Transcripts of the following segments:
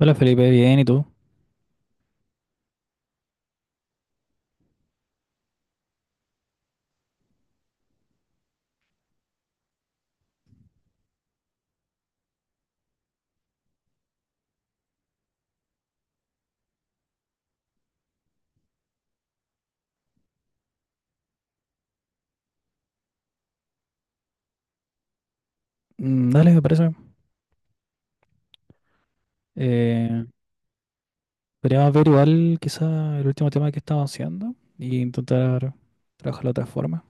Hola Felipe, bien, ¿y tú? Mm. Dale, me parece. Eh, Podríamos ver igual quizá el último tema que estamos haciendo y intentar trabajarlo de otra forma.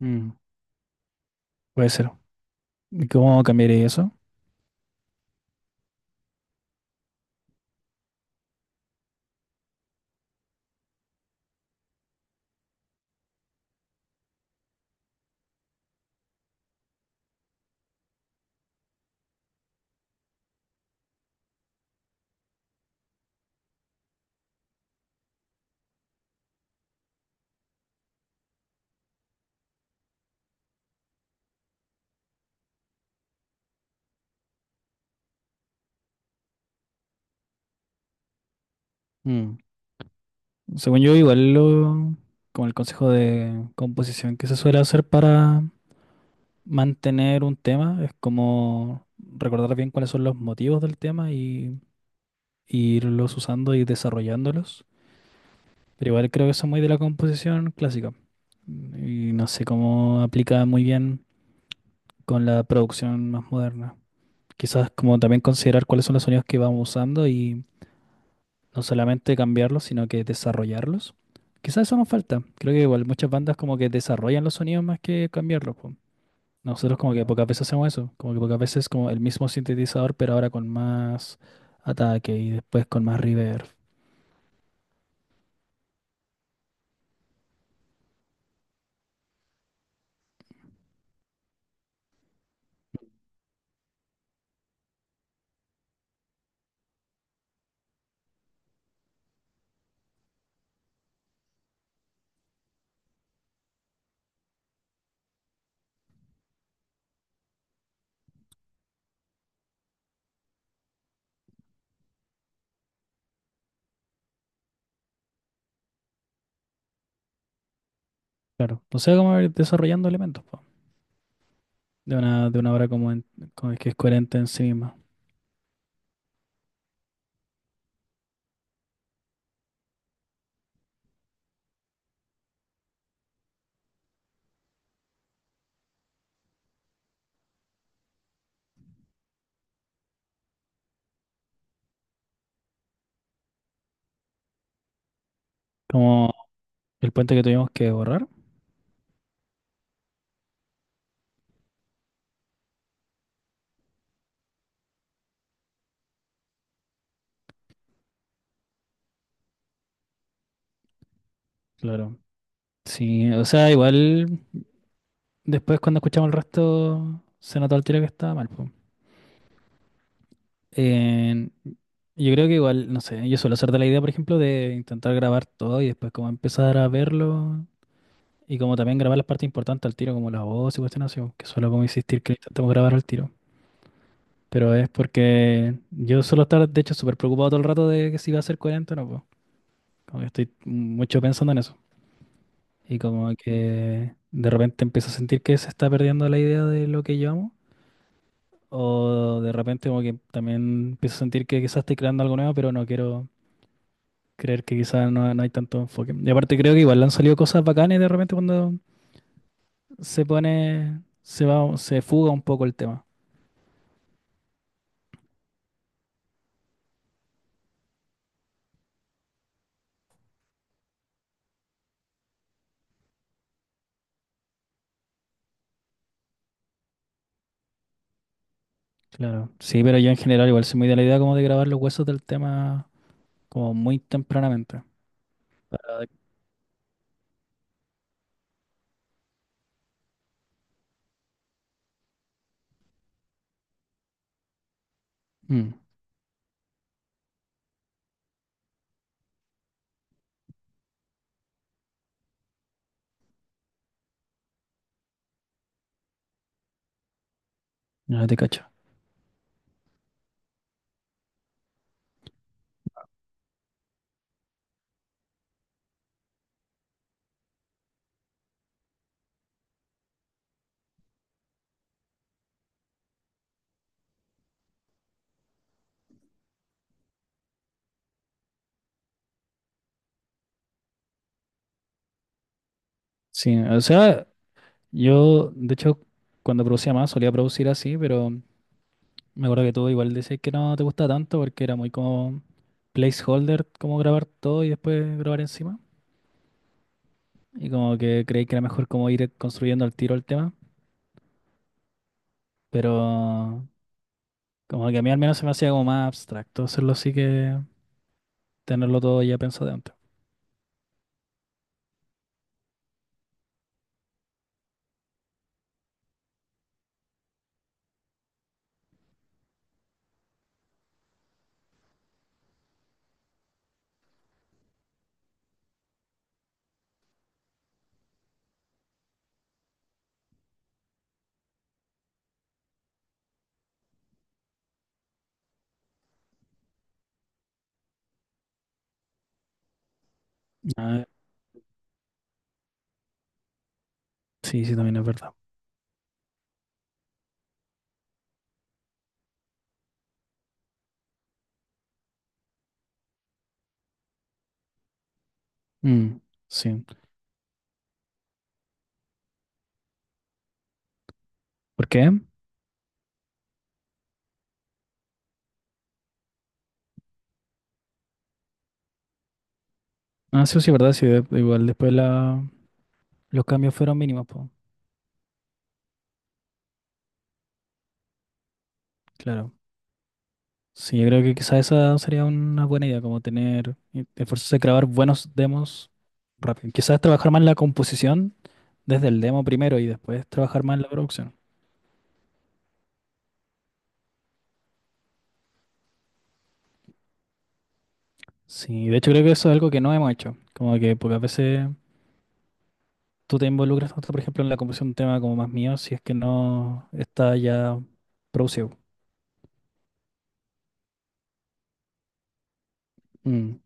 Mm, Puede ser. ¿Y cómo cambiaría eso? Mm, Según yo, como el consejo de composición que se suele hacer para mantener un tema es como recordar bien cuáles son los motivos del tema y irlos usando y desarrollándolos. Pero igual creo que eso es muy de la composición clásica. Y no sé cómo aplica muy bien con la producción más moderna. Quizás como también considerar cuáles son los sonidos que vamos usando y no solamente cambiarlos, sino que desarrollarlos. Quizás eso nos falta. Creo que igual muchas bandas como que desarrollan los sonidos más que cambiarlos, po. Nosotros como que pocas veces hacemos eso. Como que pocas veces como el mismo sintetizador, pero ahora con más ataque y después con más reverb. Claro. O sea, como ir desarrollando elementos, po. De una obra como, como que es coherente en sí misma. Como el puente que tuvimos que borrar, claro. Sí, o sea, igual después cuando escuchamos el resto se notó al tiro que estaba mal, po. Eh, yo creo que igual, no sé, yo suelo ser de la idea, por ejemplo, de intentar grabar todo y después como empezar a verlo y como también grabar las partes importantes al tiro, como la voz y cuestiones así, que suelo como insistir que intentamos grabar al tiro. Pero es porque yo suelo estar, de hecho, súper preocupado todo el rato de que si va a ser coherente o no, po. Como que estoy mucho pensando en eso. Y como que de repente empiezo a sentir que se está perdiendo la idea de lo que yo amo. O de repente como que también empiezo a sentir que quizás estoy creando algo nuevo, pero no quiero creer que quizás no hay tanto enfoque. Y aparte creo que igual le han salido cosas bacanas de repente cuando se pone, se va, se fuga un poco el tema. Claro. Sí, pero yo en general igual soy muy de la idea como de grabar los huesos del tema como muy tempranamente. Ah, de- Mm, ya te cacho. Sí, o sea, yo, de hecho, cuando producía más, solía producir así, pero me acuerdo que tú igual decías que no te gusta tanto porque era muy como placeholder, como grabar todo y después grabar encima. Y como que creí que era mejor como ir construyendo al tiro el tema, pero como que a mí al menos se me hacía como más abstracto hacerlo así que tenerlo todo ya pensado de antes. Ah, sí, sí, también es verdad. Mm, sí. ¿Por qué? Ah, sí, sí, es verdad, sí, igual después los cambios fueron mínimos, pues, claro. Sí, yo creo que quizá esa sería una buena idea, como tener, esforzarse a grabar buenos demos rápido. Quizás trabajar más la composición desde el demo primero y después trabajar más en la producción. Sí, de hecho creo que eso es algo que no hemos hecho, como que pocas veces tú te involucras tanto, por ejemplo, en la composición de un tema como más mío, si es que no está ya producido. Mm.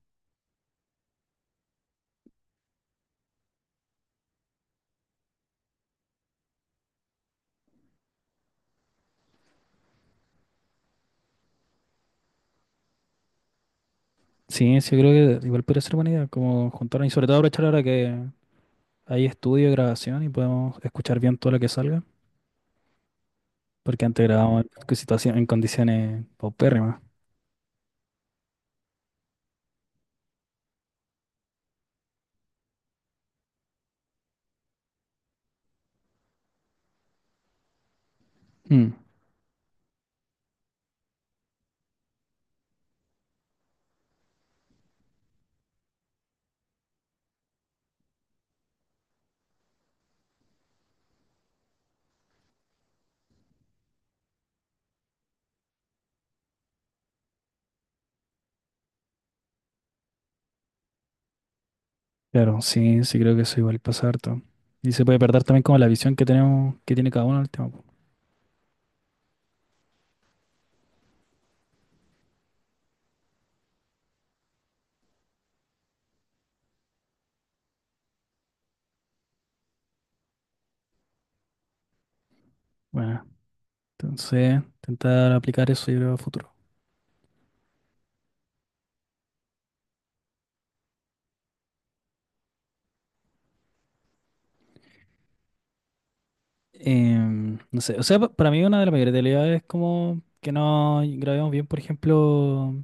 Sí, sí, yo creo que igual podría ser buena idea, como juntarnos y sobre todo aprovechar ahora que hay estudio y grabación y podemos escuchar bien todo lo que salga. Porque antes grabábamos en condiciones paupérrimas. Mm. Claro, sí, sí creo que eso igual pasa harto. Y se puede perder también como la visión que tenemos, que tiene cada uno del tema, po. Bueno, entonces, intentar aplicar eso yo creo a futuro. No sé, o sea, para mí una de las mayores debilidades es como que no grabemos bien, por ejemplo,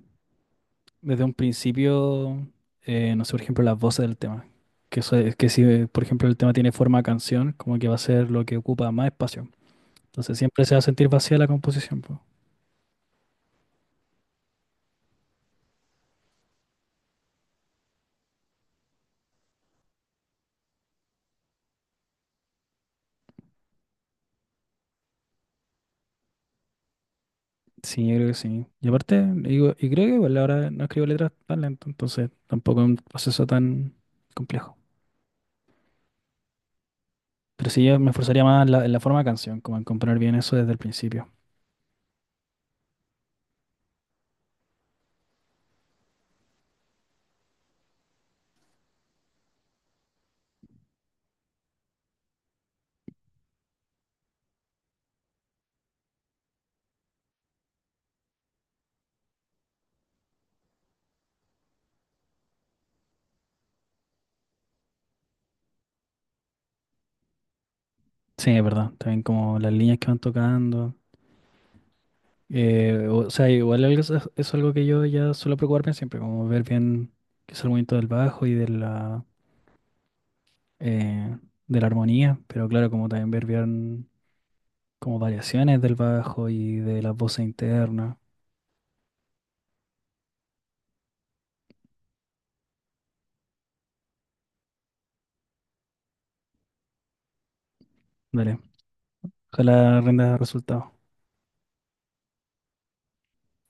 desde un principio, no sé, por ejemplo, las voces del tema. Que eso es que si, por ejemplo, el tema tiene forma de canción, como que va a ser lo que ocupa más espacio. Entonces siempre se va a sentir vacía la composición, pues. Sí, yo creo que sí. Y aparte, digo, y creo que igual ahora no escribo letras tan lento, entonces tampoco es un proceso tan complejo. Pero sí, yo me esforzaría más en en la forma de canción, como en componer bien eso desde el principio. Sí, es verdad. También como las líneas que van tocando. O sea, igual es algo que yo ya suelo preocuparme siempre, como ver bien qué es el movimiento del bajo y de eh, de la armonía. Pero claro, como también ver bien, como variaciones del bajo y de la voz interna. Dale, ojalá rinda resultado.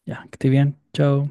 Ya, que esté bien, chao.